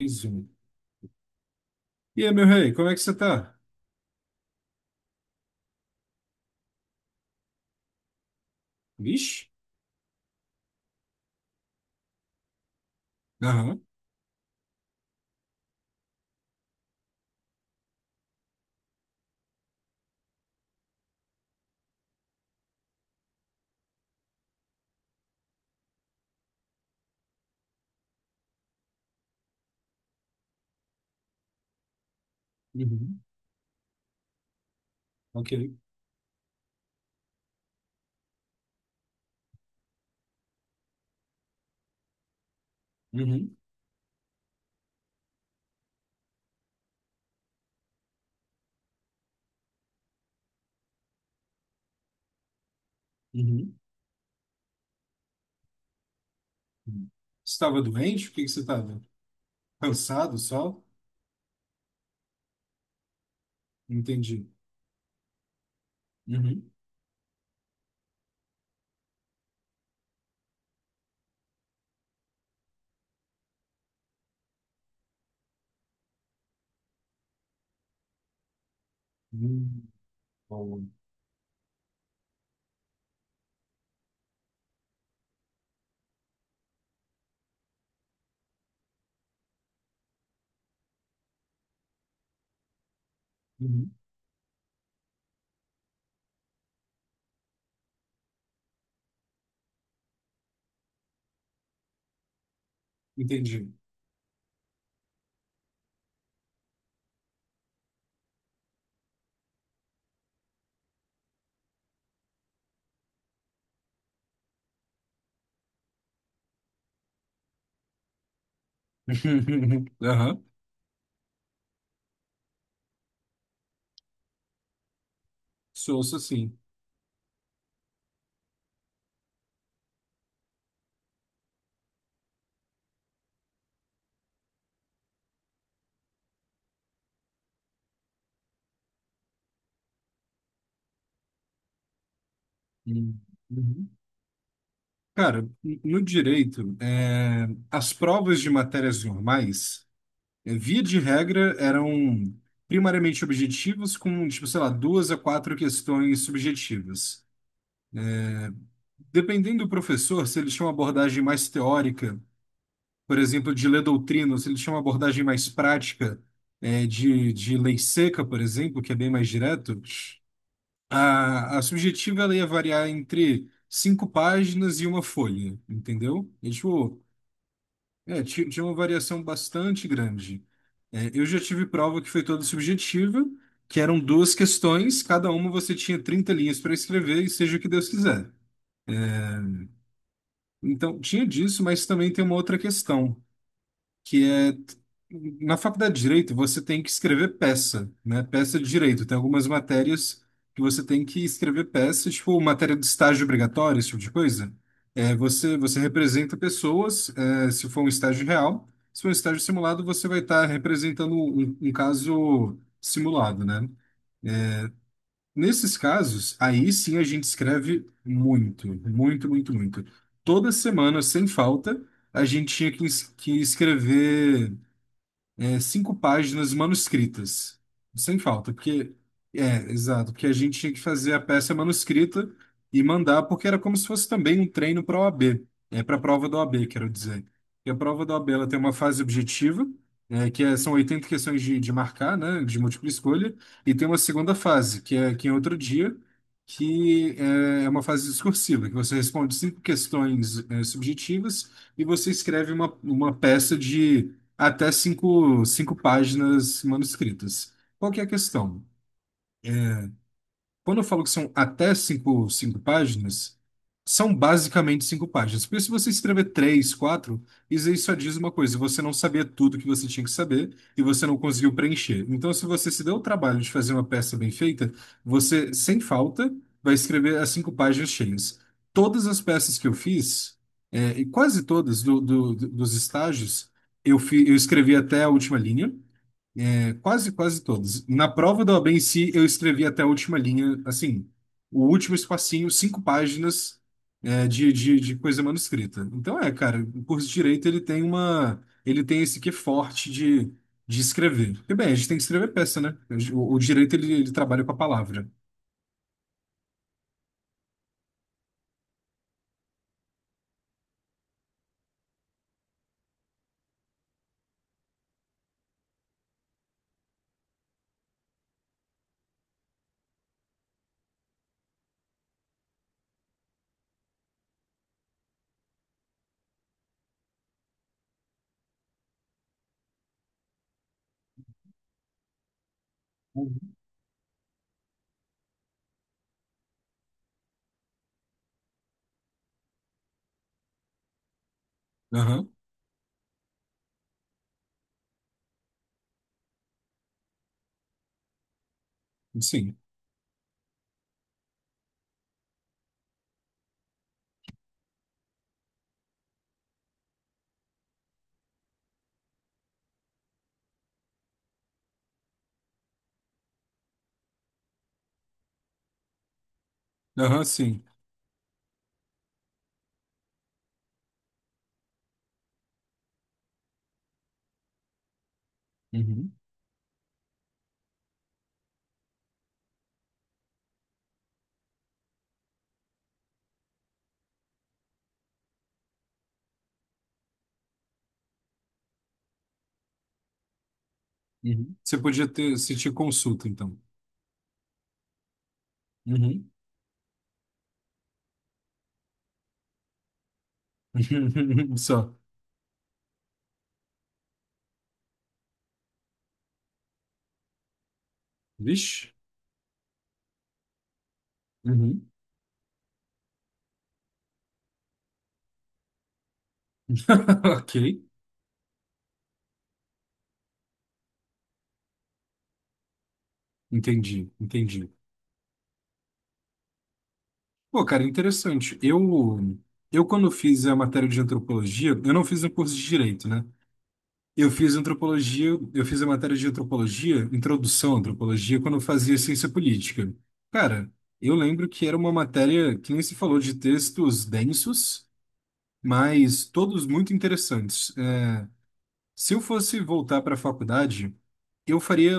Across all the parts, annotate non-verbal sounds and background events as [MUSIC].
Mais um. E aí, meu rei, como é que você tá? Vixe? Aham. Uhum. Ok. Uhum. Uhum. Uhum. Estava doente? O que que você estava? Cansado só? Entendi. Uhum. Uhum. Boa. Uhum. Entendi. [LAUGHS] Aham. Sou. Ouço assim. Uhum. Uhum. Cara, no direito, as provas de matérias normais. Via de regra, eram primariamente objetivos com, tipo, sei lá, duas a quatro questões subjetivas. Dependendo do professor, se ele tinha uma abordagem mais teórica, por exemplo, de ler doutrina, ou se ele tinha uma abordagem mais prática, de lei seca, por exemplo, que é bem mais direto, a subjetiva ela ia variar entre cinco páginas e uma folha, entendeu? E, tipo, tinha uma variação bastante grande. Eu já tive prova que foi toda subjetiva, que eram duas questões, cada uma você tinha 30 linhas para escrever e seja o que Deus quiser. Então, tinha disso, mas também tem uma outra questão que é na faculdade de direito você tem que escrever peça, né? Peça de direito. Tem algumas matérias que você tem que escrever peça, tipo matéria de estágio obrigatório, esse tipo de coisa. Você representa pessoas, se for um estágio real. Se for um estágio simulado, você vai estar representando um caso simulado, né? Nesses casos, aí sim a gente escreve muito, muito, muito, muito. Toda semana, sem falta, a gente tinha que escrever cinco páginas manuscritas, sem falta, porque é, exato, porque a gente tinha que fazer a peça manuscrita e mandar, porque era como se fosse também um treino para a OAB, é para a prova da OAB, quero dizer. E a prova da OAB ela tem uma fase objetiva, são 80 questões de marcar, né, de múltipla escolha, e tem uma segunda fase, que é outro dia, que é uma fase discursiva, que você responde cinco questões, subjetivas e você escreve uma peça até cinco páginas manuscritas. Qual que é a questão? Quando eu falo que são até cinco páginas, são basicamente cinco páginas. Porque se você escrever três, quatro, isso aí só diz uma coisa, você não sabia tudo que você tinha que saber e você não conseguiu preencher. Então, se você se deu o trabalho de fazer uma peça bem feita, você, sem falta, vai escrever as cinco páginas cheias. Todas as peças que eu fiz, e quase todas dos estágios, eu escrevi até a última linha. Quase, quase todos. Na prova da OAB em si, eu escrevi até a última linha, assim, o último espacinho, cinco páginas de coisa manuscrita. Então cara, o curso de Direito, ele tem esse que forte de escrever. Porque, bem, a gente tem que escrever peça, né? O Direito, ele trabalha com a palavra. Uhum. Aham, sim. Aham, sim. Uhum, uhum. Você podia ter, se te consulta, então. Uhum. [LAUGHS] Só. Vixe. Uhum. [LAUGHS] Ok. Entendi, entendi. Pô, cara, interessante. Eu quando fiz a matéria de antropologia, eu não fiz o curso de direito, né? Eu fiz antropologia, eu fiz a matéria de antropologia, introdução à antropologia, quando eu fazia ciência política. Cara, eu lembro que era uma matéria que nem se falou de textos densos, mas todos muito interessantes. Se eu fosse voltar para a faculdade, eu faria,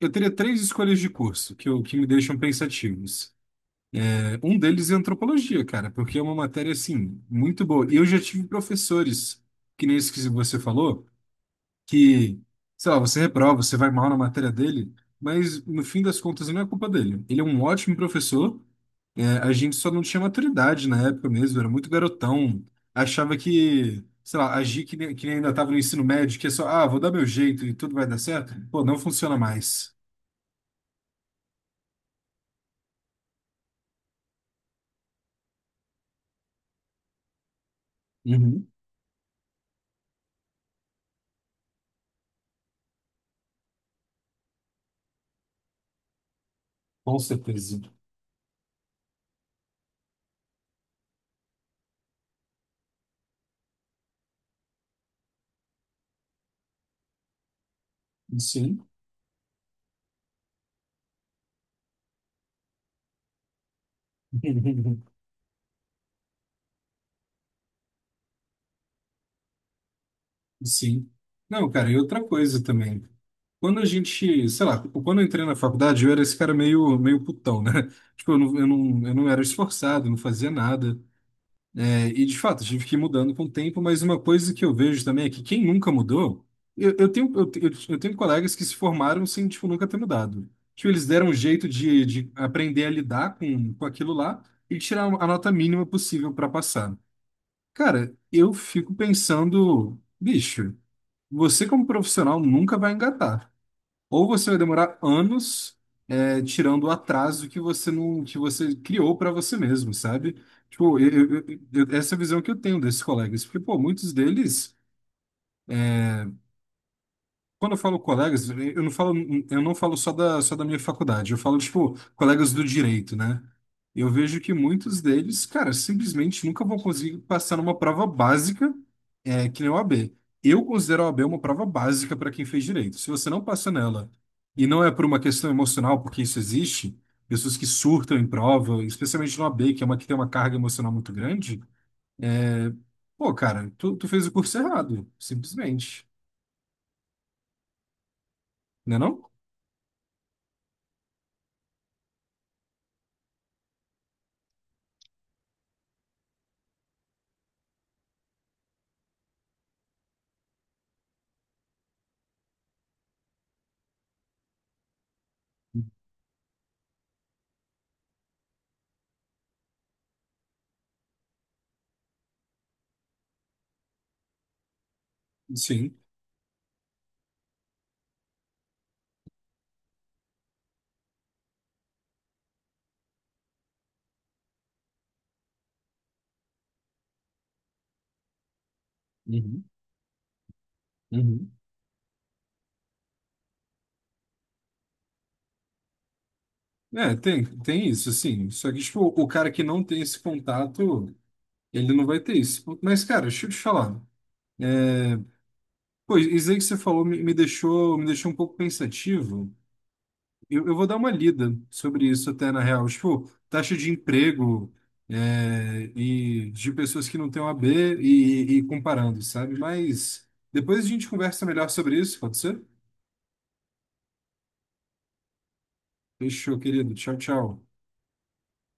eu teria três escolhas de curso que me deixam pensativos. Um deles é antropologia, cara, porque é uma matéria, assim, muito boa. E eu já tive professores, que nem esse que você falou, que, sei lá, você reprova, você vai mal na matéria dele, mas no fim das contas não é culpa dele. Ele é um ótimo professor, a gente só não tinha maturidade na época mesmo, era muito garotão, achava que, sei lá, agir que nem ainda estava no ensino médio, que é só, ah, vou dar meu jeito e tudo vai dar certo. Pô, não funciona mais. Uhum, com certeza. Sim. [LAUGHS] Sim. Não, cara, e outra coisa também. Quando a gente, sei lá, tipo, quando eu entrei na faculdade, eu era esse cara meio putão, né? [LAUGHS] Tipo, eu não era esforçado, não fazia nada. E, de fato, tive que ir mudando com o tempo, mas uma coisa que eu vejo também é que quem nunca mudou, eu tenho colegas que se formaram sem, tipo, nunca ter mudado. Tipo, eles deram um jeito de aprender a lidar com aquilo lá e tirar a nota mínima possível para passar. Cara, eu fico pensando, bicho. Você, como profissional, nunca vai engatar. Ou você vai demorar anos, tirando o atraso que você não, que você criou para você mesmo, sabe? Tipo, essa é a visão que eu tenho desses colegas, porque, pô, muitos deles. Quando eu falo colegas, eu não falo só da minha faculdade, eu falo, tipo, colegas do direito, né? Eu vejo que muitos deles, cara, simplesmente nunca vão conseguir passar numa prova básica, que nem a OAB. Eu considero a OAB uma prova básica para quem fez direito. Se você não passa nela, e não é por uma questão emocional, porque isso existe, pessoas que surtam em prova, especialmente na OAB que é uma que tem uma carga emocional muito grande, é, pô, cara, tu fez o curso errado, simplesmente, né não? Sim. Uhum. É, tem isso, sim. Só que, tipo, o cara que não tem esse contato, ele não vai ter isso. Mas, cara, deixa eu te falar. É, Pô, isso aí que você falou me deixou um pouco pensativo. Eu vou dar uma lida sobre isso até, na real. Tipo, taxa de emprego, e de pessoas que não têm OAB e comparando, sabe? Mas depois a gente conversa melhor sobre isso, pode ser? Fechou, querido. Tchau, tchau.